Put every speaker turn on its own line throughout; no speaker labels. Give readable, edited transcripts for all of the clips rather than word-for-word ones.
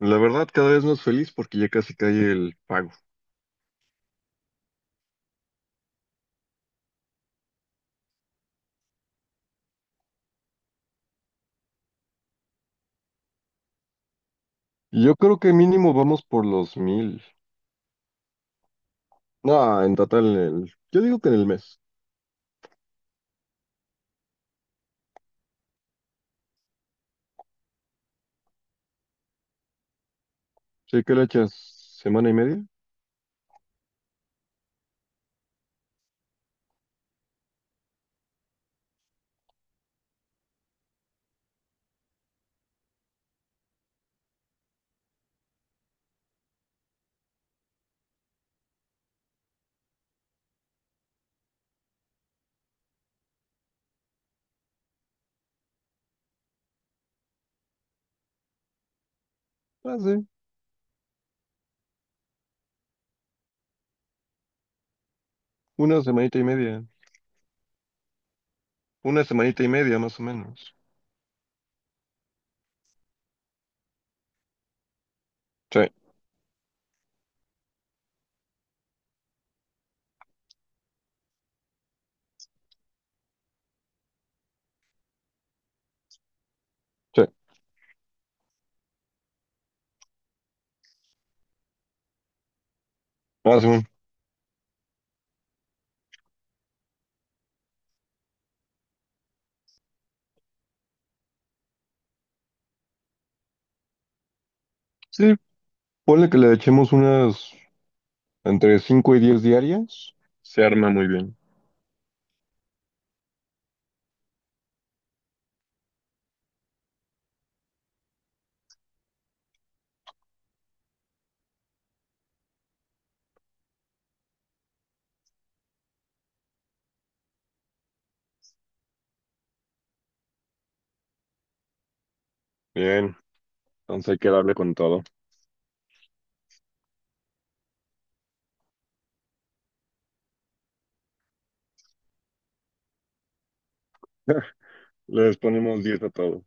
La verdad, cada vez más feliz porque ya casi cae el pago. Yo creo que mínimo vamos por los 1,000. No, en total, yo digo que en el mes. Sí, ¿qué le echas? ¿Semana y media? Ah, sí, una semanita y media. Una semanita y media, más o menos. Sí, sí. Ah, Simón. Sí, ponle que le echemos unas entre 5 y 10 diarias. Se arma muy bien. Bien, entonces hay que darle con todo. Les ponemos 10 a todo.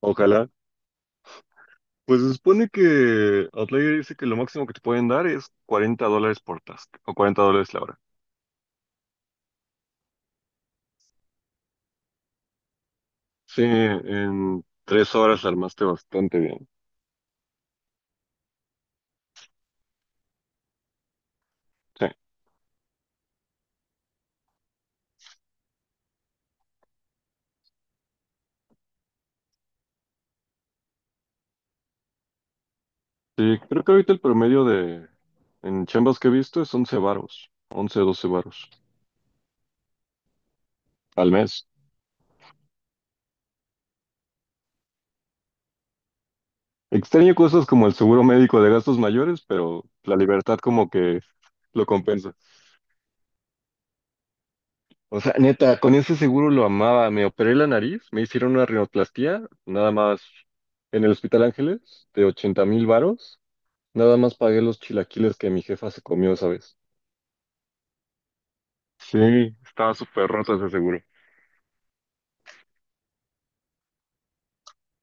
Ojalá. Pues se supone que Outlier dice que lo máximo que te pueden dar es $40 por task o $40 la hora. Sí, en 3 horas la armaste bastante bien. Sí. Sí, creo que ahorita el promedio de en chambas que he visto es 11 varos, 11 12 varos al mes. Extraño cosas como el seguro médico de gastos mayores, pero la libertad como que lo compensa. O sea, neta, con ese seguro lo amaba. Me operé la nariz, me hicieron una rinoplastía, nada más en el Hospital Ángeles, de 80,000 varos. Nada más pagué los chilaquiles que mi jefa se comió esa vez. Sí, estaba súper roto ese seguro.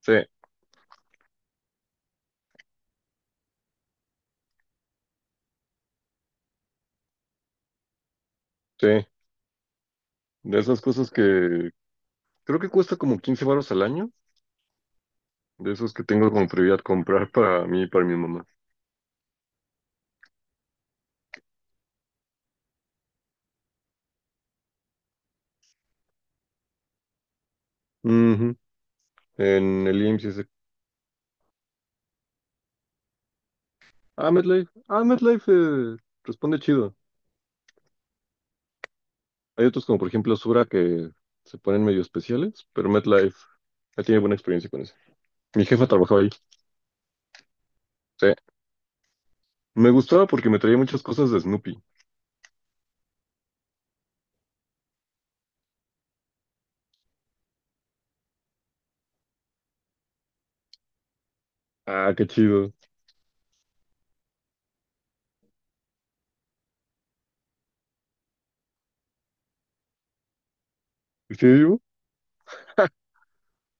Sí, sí. De esas cosas que creo que cuesta como 15 varos al año. De esos que tengo como prioridad comprar para mí y para mi mamá. Ujú. En el IMSS dice, ah, MetLife, responde chido. Hay otros como por ejemplo Sura que se ponen medio especiales, pero MetLife ya tiene buena experiencia con eso. Mi jefa trabajaba ahí. Sí. Me gustaba porque me traía muchas cosas de Snoopy. Ah, qué chido. ¿Sigue vivo?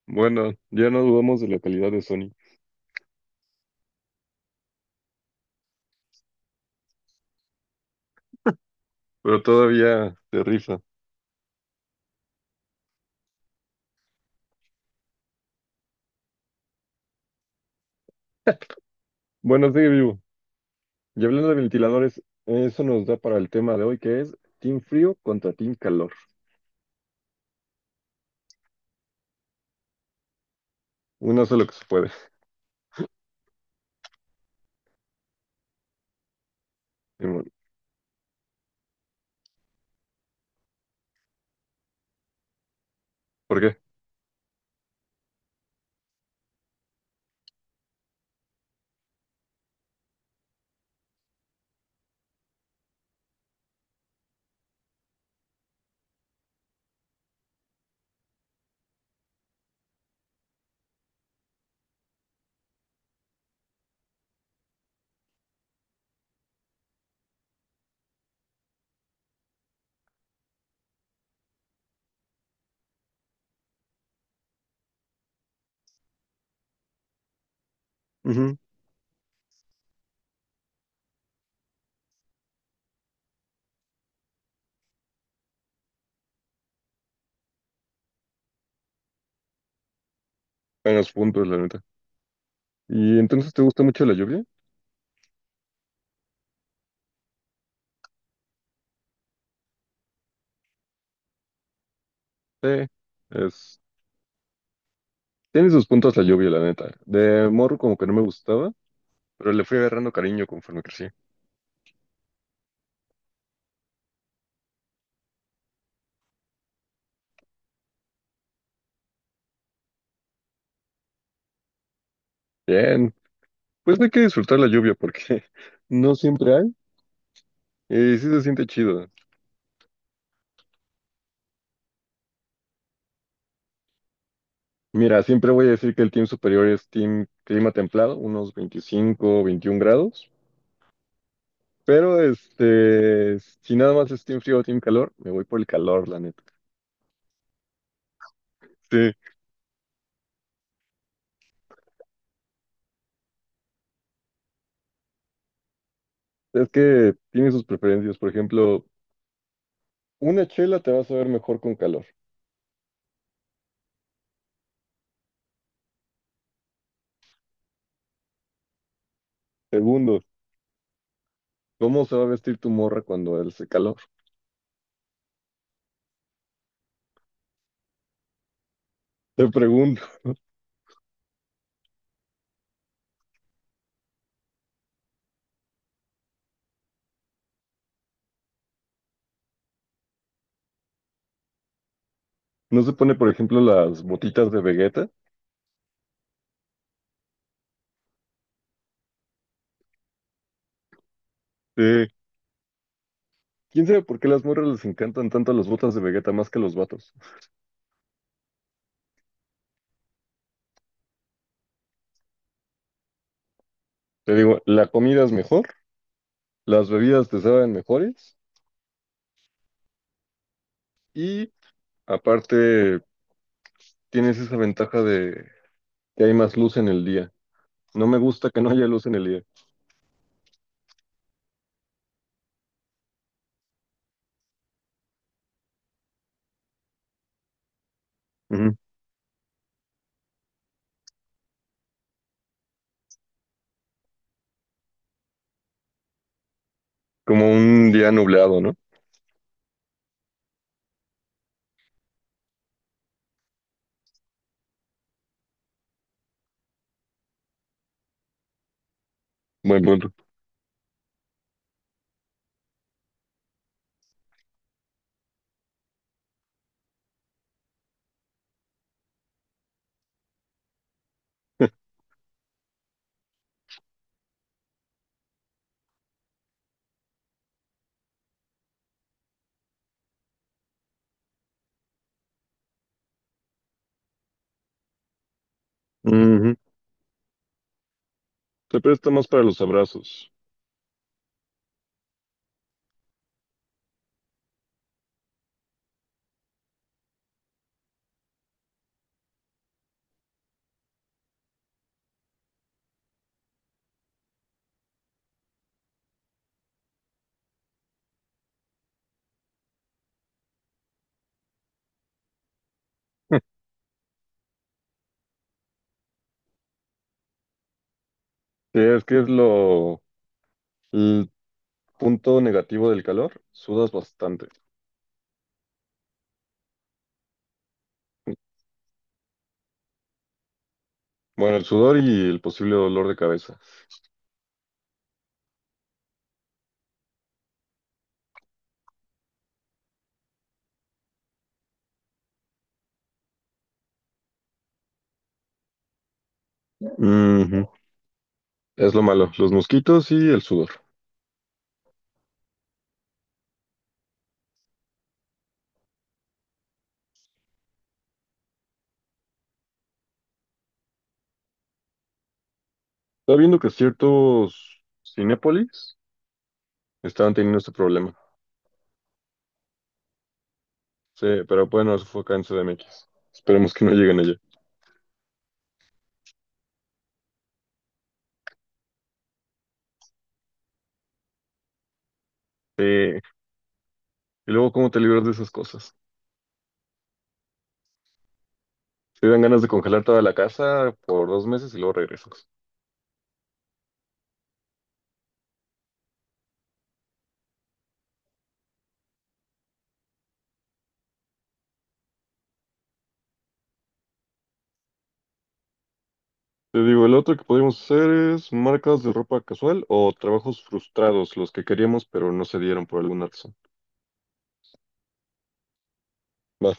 Bueno, ya no dudamos de la calidad de Sony, pero todavía se rifa. Bueno, sigue vivo. Y hablando de ventiladores, eso nos da para el tema de hoy que es Team Frío contra Team Calor. Uno hace lo que se puede. Simón. ¿Por qué? Ujú. En los puntos, la neta. ¿Y entonces te gusta mucho la lluvia? Sí. Es Tiene sus puntos la lluvia, la neta. De morro como que no me gustaba, pero le fui agarrando cariño conforme crecí. Bien, pues no hay que disfrutar la lluvia porque no siempre hay y sí se siente chido. Mira, siempre voy a decir que el team superior es team clima templado, unos 25 21 grados, pero este, si nada más es team frío o team calor, me voy por el calor, la neta. Sí, es que tiene sus preferencias. Por ejemplo, una chela te va a saber mejor con calor. Segundo, ¿cómo se va a vestir tu morra cuando hace calor? Te pregunto, ¿no se pone, por ejemplo, las botitas de Vegeta? Eh, ¿Quién sabe por qué las morras les encantan tanto las botas de Vegeta más que los vatos? Te digo, la comida es mejor, las bebidas te saben mejores y aparte tienes esa ventaja de que hay más luz en el día. No me gusta que no haya luz en el día. Ujú. Como un día nublado, ¿no? Buen punto. Ujú. Se presta más para los abrazos. Sí, es que es lo el punto negativo del calor, sudas bastante. Bueno, el sudor y el posible dolor de cabeza. Ujú. Es lo malo, los mosquitos y el sudor. Estaba viendo que ciertos cinépolis estaban teniendo este problema. Sí, pero bueno, eso fue acá en CDMX. Esperemos que no lleguen allá. Sí. Y luego, ¿cómo te libras de esas cosas? Te dan ganas de congelar toda la casa por 2 meses y luego regresas. Te digo, el otro que podríamos hacer es marcas de ropa casual o trabajos frustrados, los que queríamos pero no se dieron por alguna razón. Va.